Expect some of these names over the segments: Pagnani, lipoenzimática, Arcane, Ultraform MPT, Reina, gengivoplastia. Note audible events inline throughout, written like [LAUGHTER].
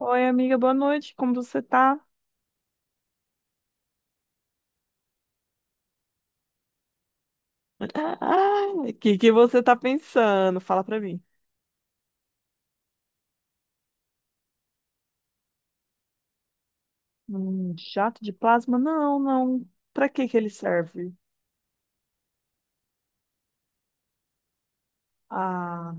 Oi, amiga, boa noite. Como você tá? [LAUGHS] O que que você tá pensando? Fala pra mim. Um jato de plasma? Não. Pra que que ele serve? Ah,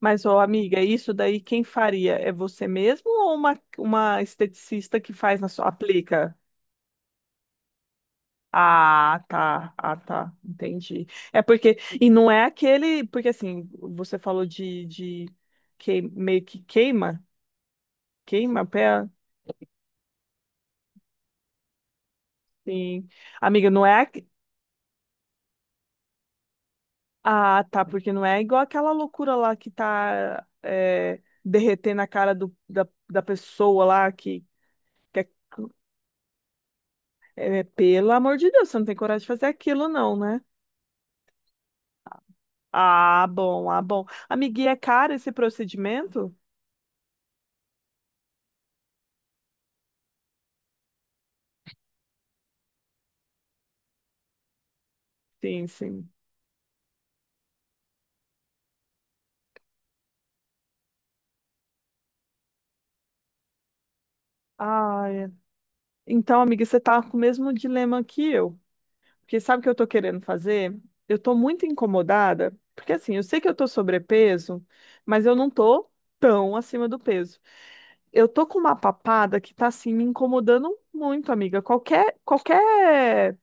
mas ô, amiga, isso daí quem faria? É você mesmo ou uma esteticista que faz na sua aplica? Ah, tá. Ah, tá. Entendi. É porque e não é aquele, porque assim, você falou de que meio que queima, queima a pé, sim. Amiga, não é. Ah, tá, porque não é igual aquela loucura lá que tá derretendo a cara da pessoa lá que é, é, pelo amor de Deus, você não tem coragem de fazer aquilo, não, né? Ah, bom, ah, bom. Amiguinha, é caro esse procedimento? Sim, sim. Ah, é. Então, amiga, você tá com o mesmo dilema que eu. Porque sabe o que eu tô querendo fazer? Eu tô muito incomodada, porque assim, eu sei que eu tô sobrepeso, mas eu não tô tão acima do peso. Eu tô com uma papada que tá assim me incomodando muito, amiga. Qualquer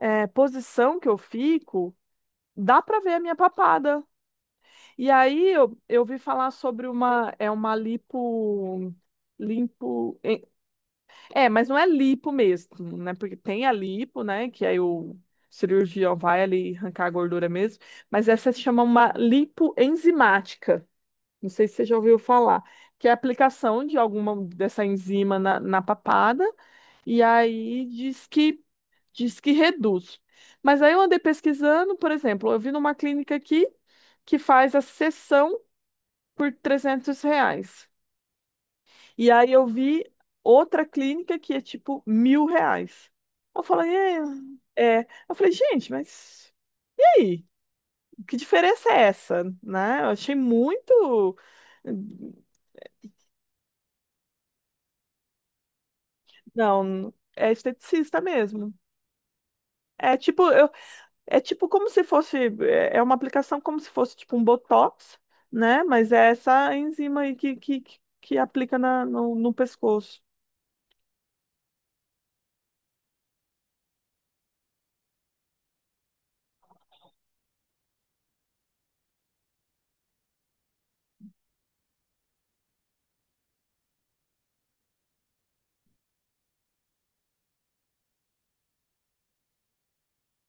posição que eu fico, dá pra ver a minha papada. E aí eu vi falar sobre uma uma lipo limpo mas não é lipo mesmo, né? Porque tem a lipo, né? Que aí o cirurgião vai ali arrancar a gordura mesmo. Mas essa se chama uma lipoenzimática. Não sei se você já ouviu falar. Que é a aplicação de alguma dessa enzima na papada. E aí diz que reduz. Mas aí eu andei pesquisando, por exemplo, eu vi numa clínica aqui que faz a sessão por R$ 300. E aí eu vi outra clínica que é tipo R$ 1.000. Eu falei, é, é. Eu falei, gente, mas e aí? Que diferença é essa? Né? Eu achei muito. Não, é esteticista mesmo. É tipo, eu, é tipo como se fosse, é uma aplicação como se fosse tipo um Botox, né? Mas é essa enzima aí que aplica na, no, no pescoço.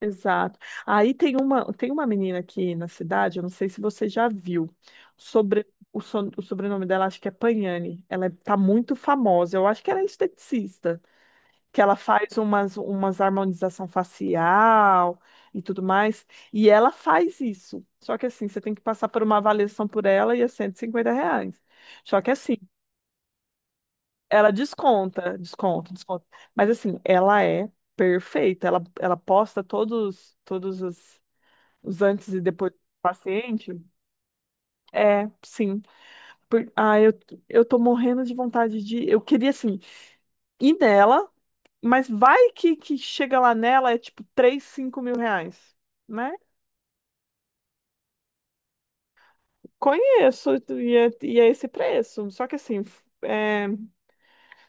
Exato. Aí tem tem uma menina aqui na cidade, eu não sei se você já viu. Sobre, o sobrenome dela acho que é Pagnani. Ela é- tá muito famosa. Eu acho que ela é esteticista, que ela faz umas harmonização facial e tudo mais, e ela faz isso. Só que assim, você tem que passar por uma avaliação por ela e é R$ 150. Só que assim, ela desconta, desconta, desconta. Mas assim, ela é perfeita. Ela posta todos os antes e depois do paciente? É, sim. Por- ah, eu, eu tô morrendo de vontade de. Eu queria, assim, ir nela, mas vai que chega lá nela é tipo R$ 3 a R$ 5 mil, né? Conheço, e e é esse preço. Só que assim,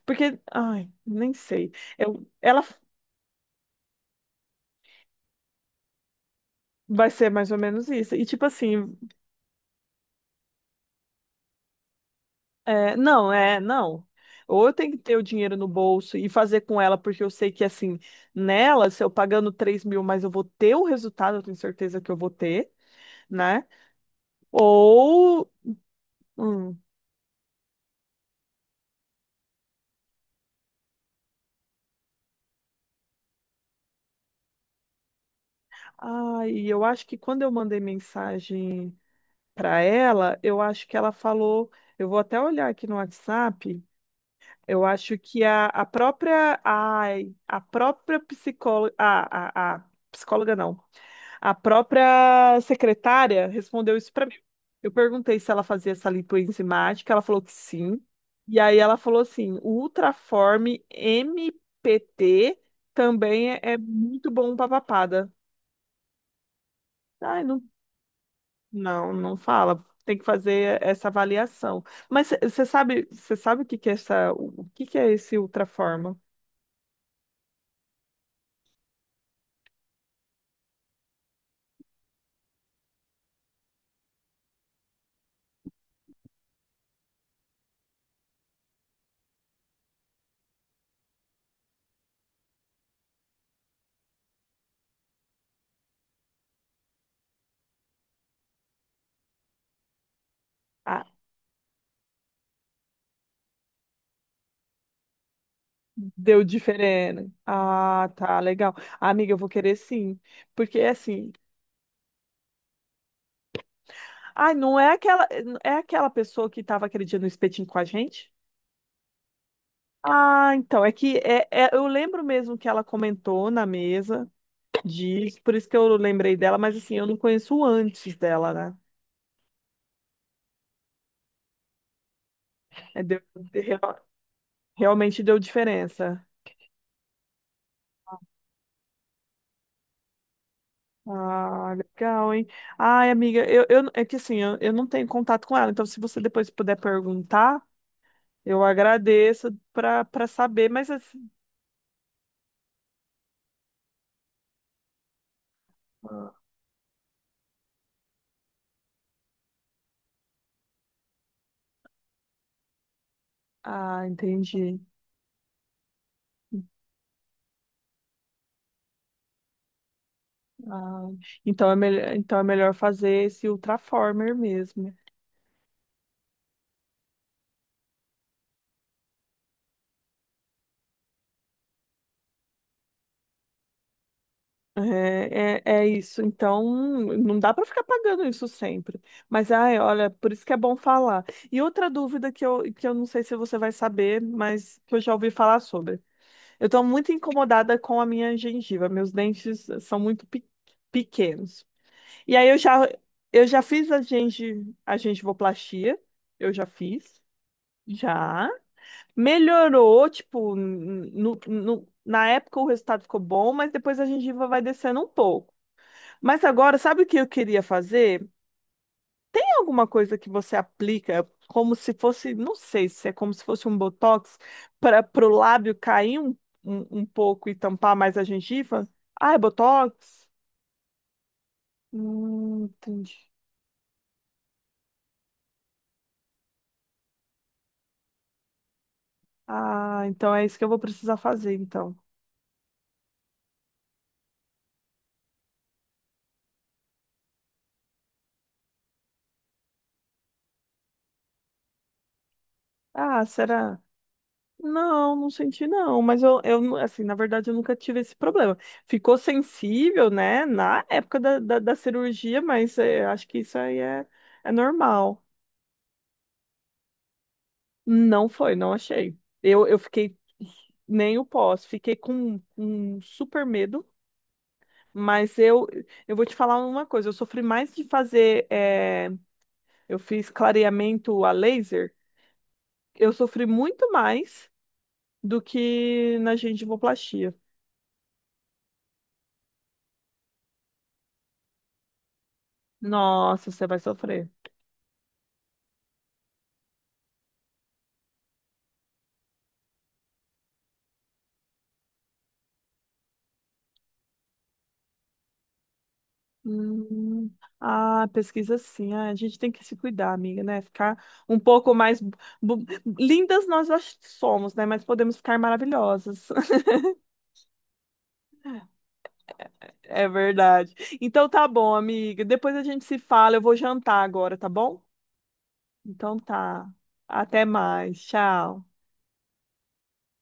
porque. Ai, nem sei. Ela vai ser mais ou menos isso. E tipo assim. É, não. Ou eu tenho que ter o dinheiro no bolso e fazer com ela, porque eu sei que, assim, nela, se eu pagando 3.000, mas eu vou ter o resultado, eu tenho certeza que eu vou ter, né? Ou. Hum, ai, eu acho que quando eu mandei mensagem para ela, eu acho que ela falou. Eu vou até olhar aqui no WhatsApp. Eu acho que a própria. Ai, a própria psicóloga. A psicóloga não. A própria secretária respondeu isso para mim. Eu perguntei se ela fazia essa lipoenzimática, ela falou que sim. E aí ela falou assim: o Ultraform MPT também é muito bom para papada. Ai, não, não, não fala. Tem que fazer essa avaliação. Mas você sabe o que que é essa, o que que é esse Ultraform? Ah, deu diferente. Ah, tá, legal. Amiga, eu vou querer sim. Porque assim, ai, não é aquela, é aquela pessoa que estava aquele dia no espetinho com a gente? Ah, então, eu lembro mesmo que ela comentou na mesa. Diz, por isso que eu lembrei dela, mas assim, eu não conheço o antes dela, né? É, deu- real- realmente deu diferença. Ah, legal, hein? Ai, amiga, eu, é que assim, eu não tenho contato com ela, então se você depois puder perguntar, eu agradeço para saber, mas assim, ah, entendi. Ah, então é melhor fazer esse Ultraformer mesmo. É isso. Então, não dá para ficar pagando isso sempre. Mas, ai, olha, por isso que é bom falar. E outra dúvida que eu não sei se você vai saber, mas que eu já ouvi falar sobre. Eu estou muito incomodada com a minha gengiva. Meus dentes são muito pequenos. E aí eu já fiz a a gengivoplastia. Eu já fiz. Já. Melhorou, tipo, na época o resultado ficou bom, mas depois a gengiva vai descendo um pouco. Mas agora, sabe o que eu queria fazer? Tem alguma coisa que você aplica como se fosse, não sei se é como se fosse um botox para o lábio cair um pouco e tampar mais a gengiva? Ah, é botox? Entendi. Ah, então é isso que eu vou precisar fazer, então. Ah, será? Não, não senti não, mas assim, na verdade eu nunca tive esse problema. Ficou sensível, né, na da cirurgia, mas acho que isso aí é normal. Não foi, não achei. Eu fiquei nem o pós, fiquei com um super medo, mas eu vou te falar uma coisa, eu sofri mais de fazer, eu fiz clareamento a laser, eu sofri muito mais do que na gengivoplastia. Nossa, você vai sofrer. Hum, ah, pesquisa sim. Ah, a gente tem que se cuidar, amiga, né? Ficar um pouco mais bu- lindas nós já somos, né? Mas podemos ficar maravilhosas. [LAUGHS] É verdade. Então tá bom, amiga. Depois a gente se fala. Eu vou jantar agora, tá bom? Então tá. Até mais. Tchau.